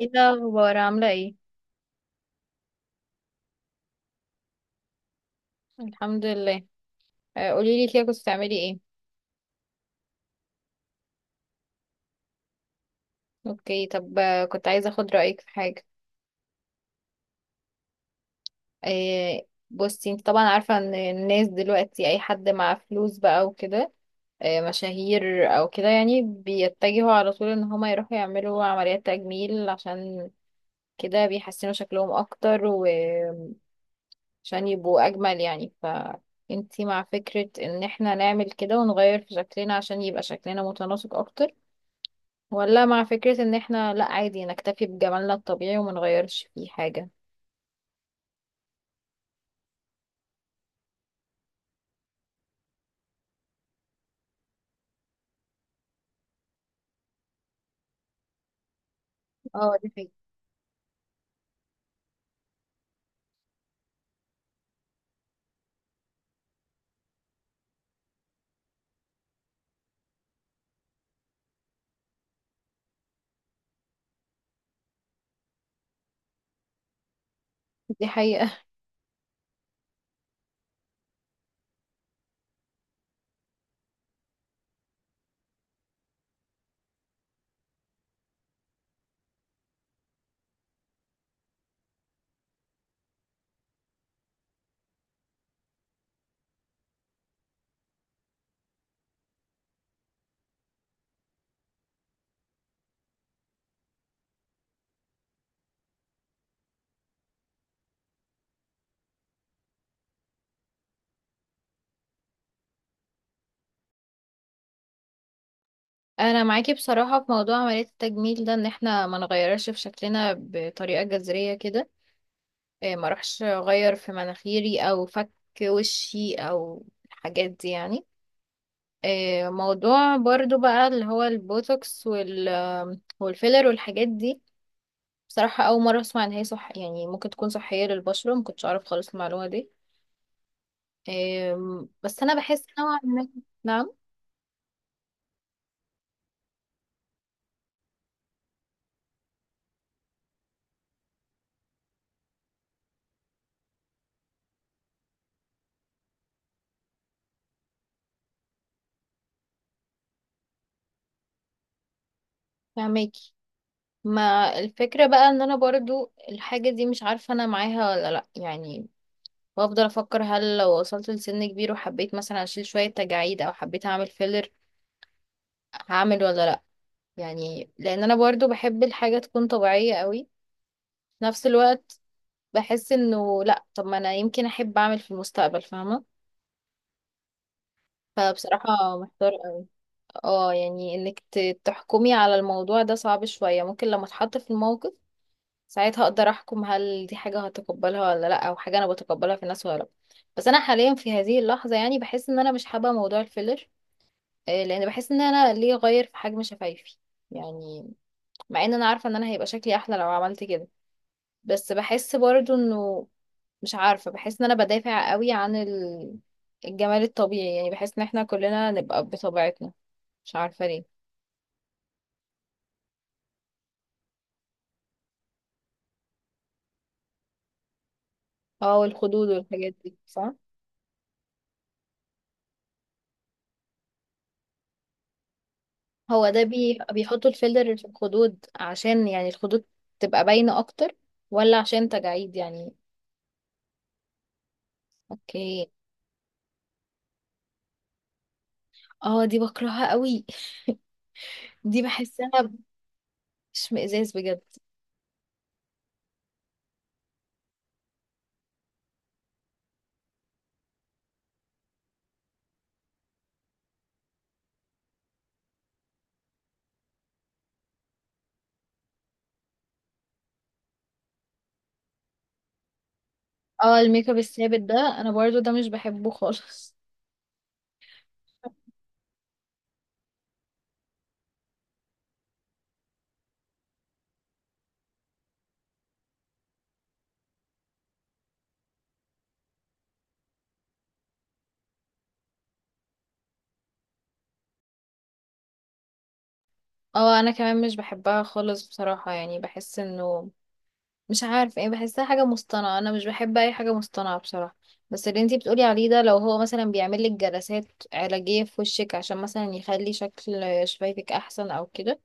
ايه الاخبار؟ عامله ايه؟ الحمد لله. قولي لي كده، كنت بتعملي ايه؟ اوكي. طب كنت عايزه اخد رايك في حاجه. بصي، انت طبعا عارفه ان الناس دلوقتي اي حد مع فلوس بقى وكده، مشاهير او كده، يعني بيتجهوا على طول ان هما يروحوا يعملوا عمليات تجميل عشان كده، بيحسنوا شكلهم اكتر وعشان يبقوا اجمل يعني. ف انتي مع فكرة ان احنا نعمل كده ونغير في شكلنا عشان يبقى شكلنا متناسق اكتر، ولا مع فكرة ان احنا لا، عادي نكتفي بجمالنا الطبيعي وما نغيرش فيه حاجة؟ اه، دي حقيقة. دي حقيقة. انا معاكي بصراحة في موضوع عملية التجميل ده، ان احنا ما نغيرش في شكلنا بطريقة جذرية كده. ما اروحش اغير في مناخيري او فك وشي او الحاجات دي يعني. موضوع برضو بقى اللي هو البوتوكس وال والفيلر والحاجات دي، بصراحة أول مرة أسمع إن هي صح، يعني ممكن تكون صحية للبشرة، مكنتش أعرف خالص المعلومة دي. بس انا بحس نوعا ما. نعم. فهماكي. ما الفكرة بقى ان انا برضو الحاجة دي مش عارفة انا معاها ولا لا يعني. بفضل افكر، هل لو وصلت لسن كبير وحبيت مثلا اشيل شوية تجاعيد او حبيت اعمل فيلر هعمل ولا لا؟ يعني لان انا برضو بحب الحاجة تكون طبيعية قوي، في نفس الوقت بحس انه لا، طب ما انا يمكن احب اعمل في المستقبل فاهمة. فبصراحة محتار قوي. اه، يعني انك تحكمي على الموضوع ده صعب شوية. ممكن لما اتحط في الموقف ساعتها اقدر احكم، هل دي حاجة هتقبلها ولا لا، او حاجة انا بتقبلها في الناس ولا لا. بس انا حاليا في هذه اللحظة يعني بحس ان انا مش حابة موضوع الفيلر. لان بحس ان انا ليه اغير في حجم شفايفي يعني، مع ان انا عارفة ان انا هيبقى شكلي احلى لو عملت كده. بس بحس برضو انه، مش عارفة، بحس ان انا بدافع قوي عن الجمال الطبيعي، يعني بحس ان احنا كلنا نبقى بطبيعتنا. مش عارفة ليه. اه، والخدود والحاجات دي صح. هو ده بيحطوا الفيلر في الخدود عشان يعني الخدود تبقى باينة اكتر، ولا عشان تجاعيد يعني؟ اوكي. اه، دي بكرهها قوي. دي بحسها اشمئزاز بجد. اه، الميك اب الثابت ده، انا برضو ده مش بحبه خالص. اه، انا كمان مش بحبها خالص بصراحة، يعني بحس انه مش عارفة ايه، بحسها حاجة مصطنعة. انا مش بحب اي حاجة مصطنعة بصراحة. بس اللي انتي بتقولي عليه ده لو هو مثلا بيعمل لك جلسات علاجية في وشك عشان مثلا يخلي شكل شفايفك احسن او كده،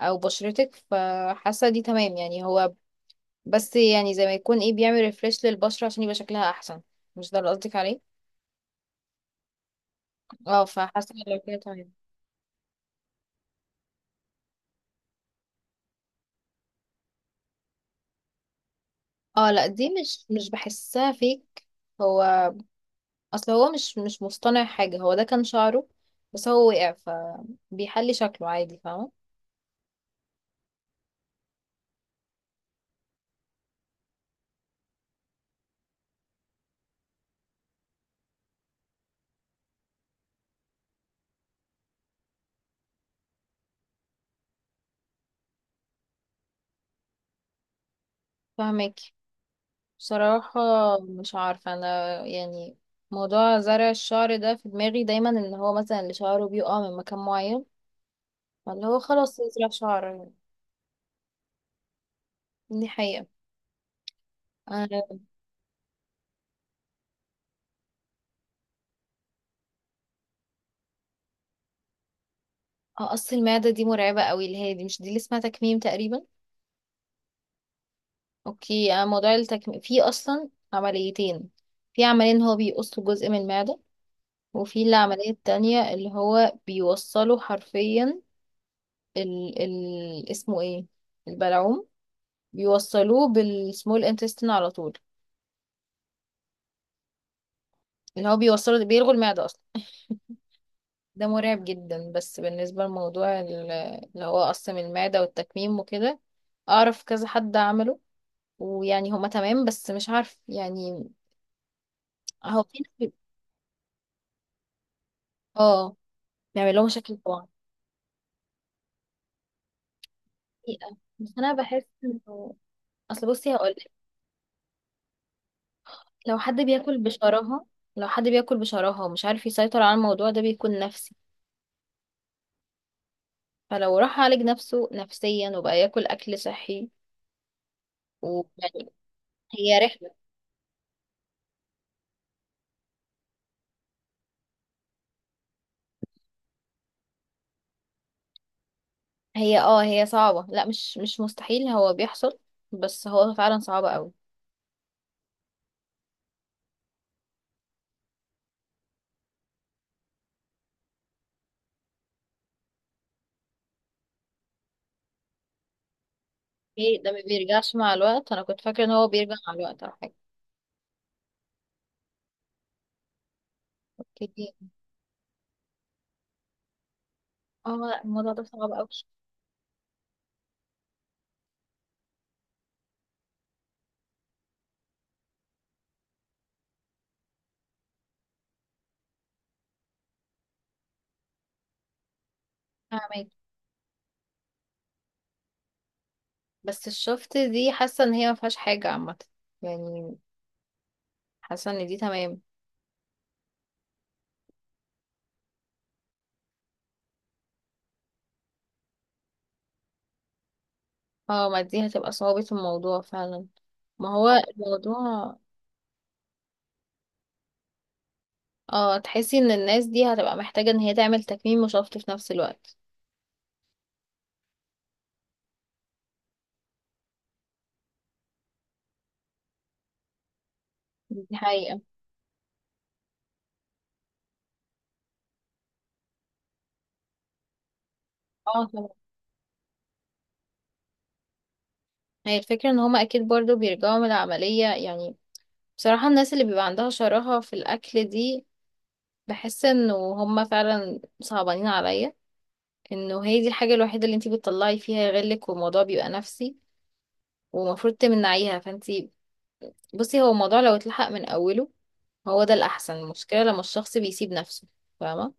او بشرتك، فحاسه دي تمام يعني. هو بس يعني زي ما يكون ايه، بيعمل ريفريش للبشره عشان يبقى شكلها احسن، مش ده اللي قصدك عليه؟ اه، فحاسه إن لو كده تمام. اه لا، دي مش بحسها فيك. هو اصل هو مش مصطنع حاجه، هو ده كان شعره، بس هو وقع فبيحلي شكله عادي فاهمه. فاهمك. بصراحه مش عارفه انا يعني، موضوع زرع الشعر ده في دماغي دايما ان هو مثلا اللي شعره بيقع من مكان معين فاللي هو خلاص يزرع شعر. دي حقيقة. آه، قص المعدة دي مرعبة قوي، اللي هي دي، مش دي اللي اسمها تكميم تقريبا؟ اوكي. موضوع التكميم في اصلا عمليتين. في عملية ان هو بيقص جزء من المعدة، وفي العملية التانية اللي هو بيوصله حرفيا ال اسمه ايه، البلعوم، بيوصلوه بالسمول انتستين على طول. اللي هو بيوصله بيلغوا المعدة اصلا. ده مرعب جدا. بس بالنسبة لموضوع اللي هو قص من المعدة والتكميم وكده، اعرف كذا حد عمله، ويعني هما تمام، بس مش عارف يعني. هو في ناس اه، بيعمل لهم مشاكل طبعا. حقيقة. بس انا بحس انه، اصل بصي هقول لك، لو حد بياكل بشراهة، لو حد بياكل بشراهة ومش عارف يسيطر على الموضوع ده، بيكون نفسي. فلو راح عالج نفسه نفسيا وبقى ياكل اكل صحي ويعني، هي رحلة. هي اه، هي صعبة، لا مش مستحيل، هو بيحصل، بس هو فعلا صعب قوي. ايه ده، ما بيرجعش مع الوقت؟ انا كنت فاكرة ان هو بيرجع مع الوقت او حاجة. اوكي. اه لا، الموضوع ده صعب قوي. فاهمك. بس الشفت دي حاسه ان هي ما فيهاش حاجه عامه يعني، حاسه ان دي تمام. اه، ما دي هتبقى صعوبة الموضوع فعلا. ما هو الموضوع، اه تحسي ان الناس دي هتبقى محتاجه ان هي تعمل تكميم وشفط في نفس الوقت. دي حقيقه. اه طبعا. هي الفكره ان هما اكيد برضو بيرجعوا من العمليه يعني. بصراحه الناس اللي بيبقى عندها شراهه في الاكل دي، بحس انه هما فعلا صعبانين عليا، انه هي دي الحاجه الوحيده اللي انتي بتطلعي فيها غلك، والموضوع بيبقى نفسي ومفروض تمنعيها. فانتي بصي، هو الموضوع لو اتلحق من اوله هو ده الاحسن. المشكله لما الشخص بيسيب نفسه، فاهمه.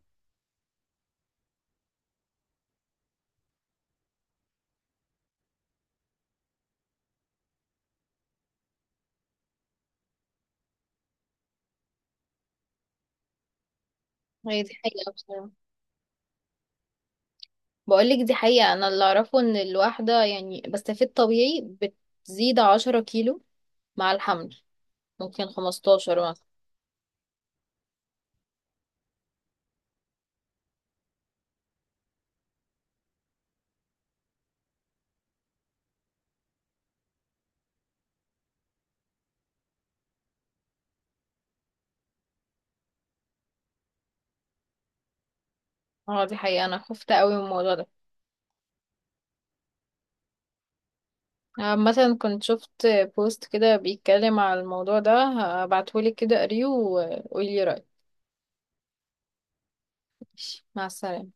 هي دي حقيقه بصراحه. بقولك دي حقيقه، انا اللي اعرفه ان الواحده يعني بس في الطبيعي بتزيد 10 كيلو مع الحمل، ممكن 15 مثلا. اه دي حقيقه، انا خفت قوي من الموضوع ده. مثلا كنت شفت بوست كده بيتكلم على الموضوع ده، هبعتهولك كده قريه وقولي رايك. مع السلامه.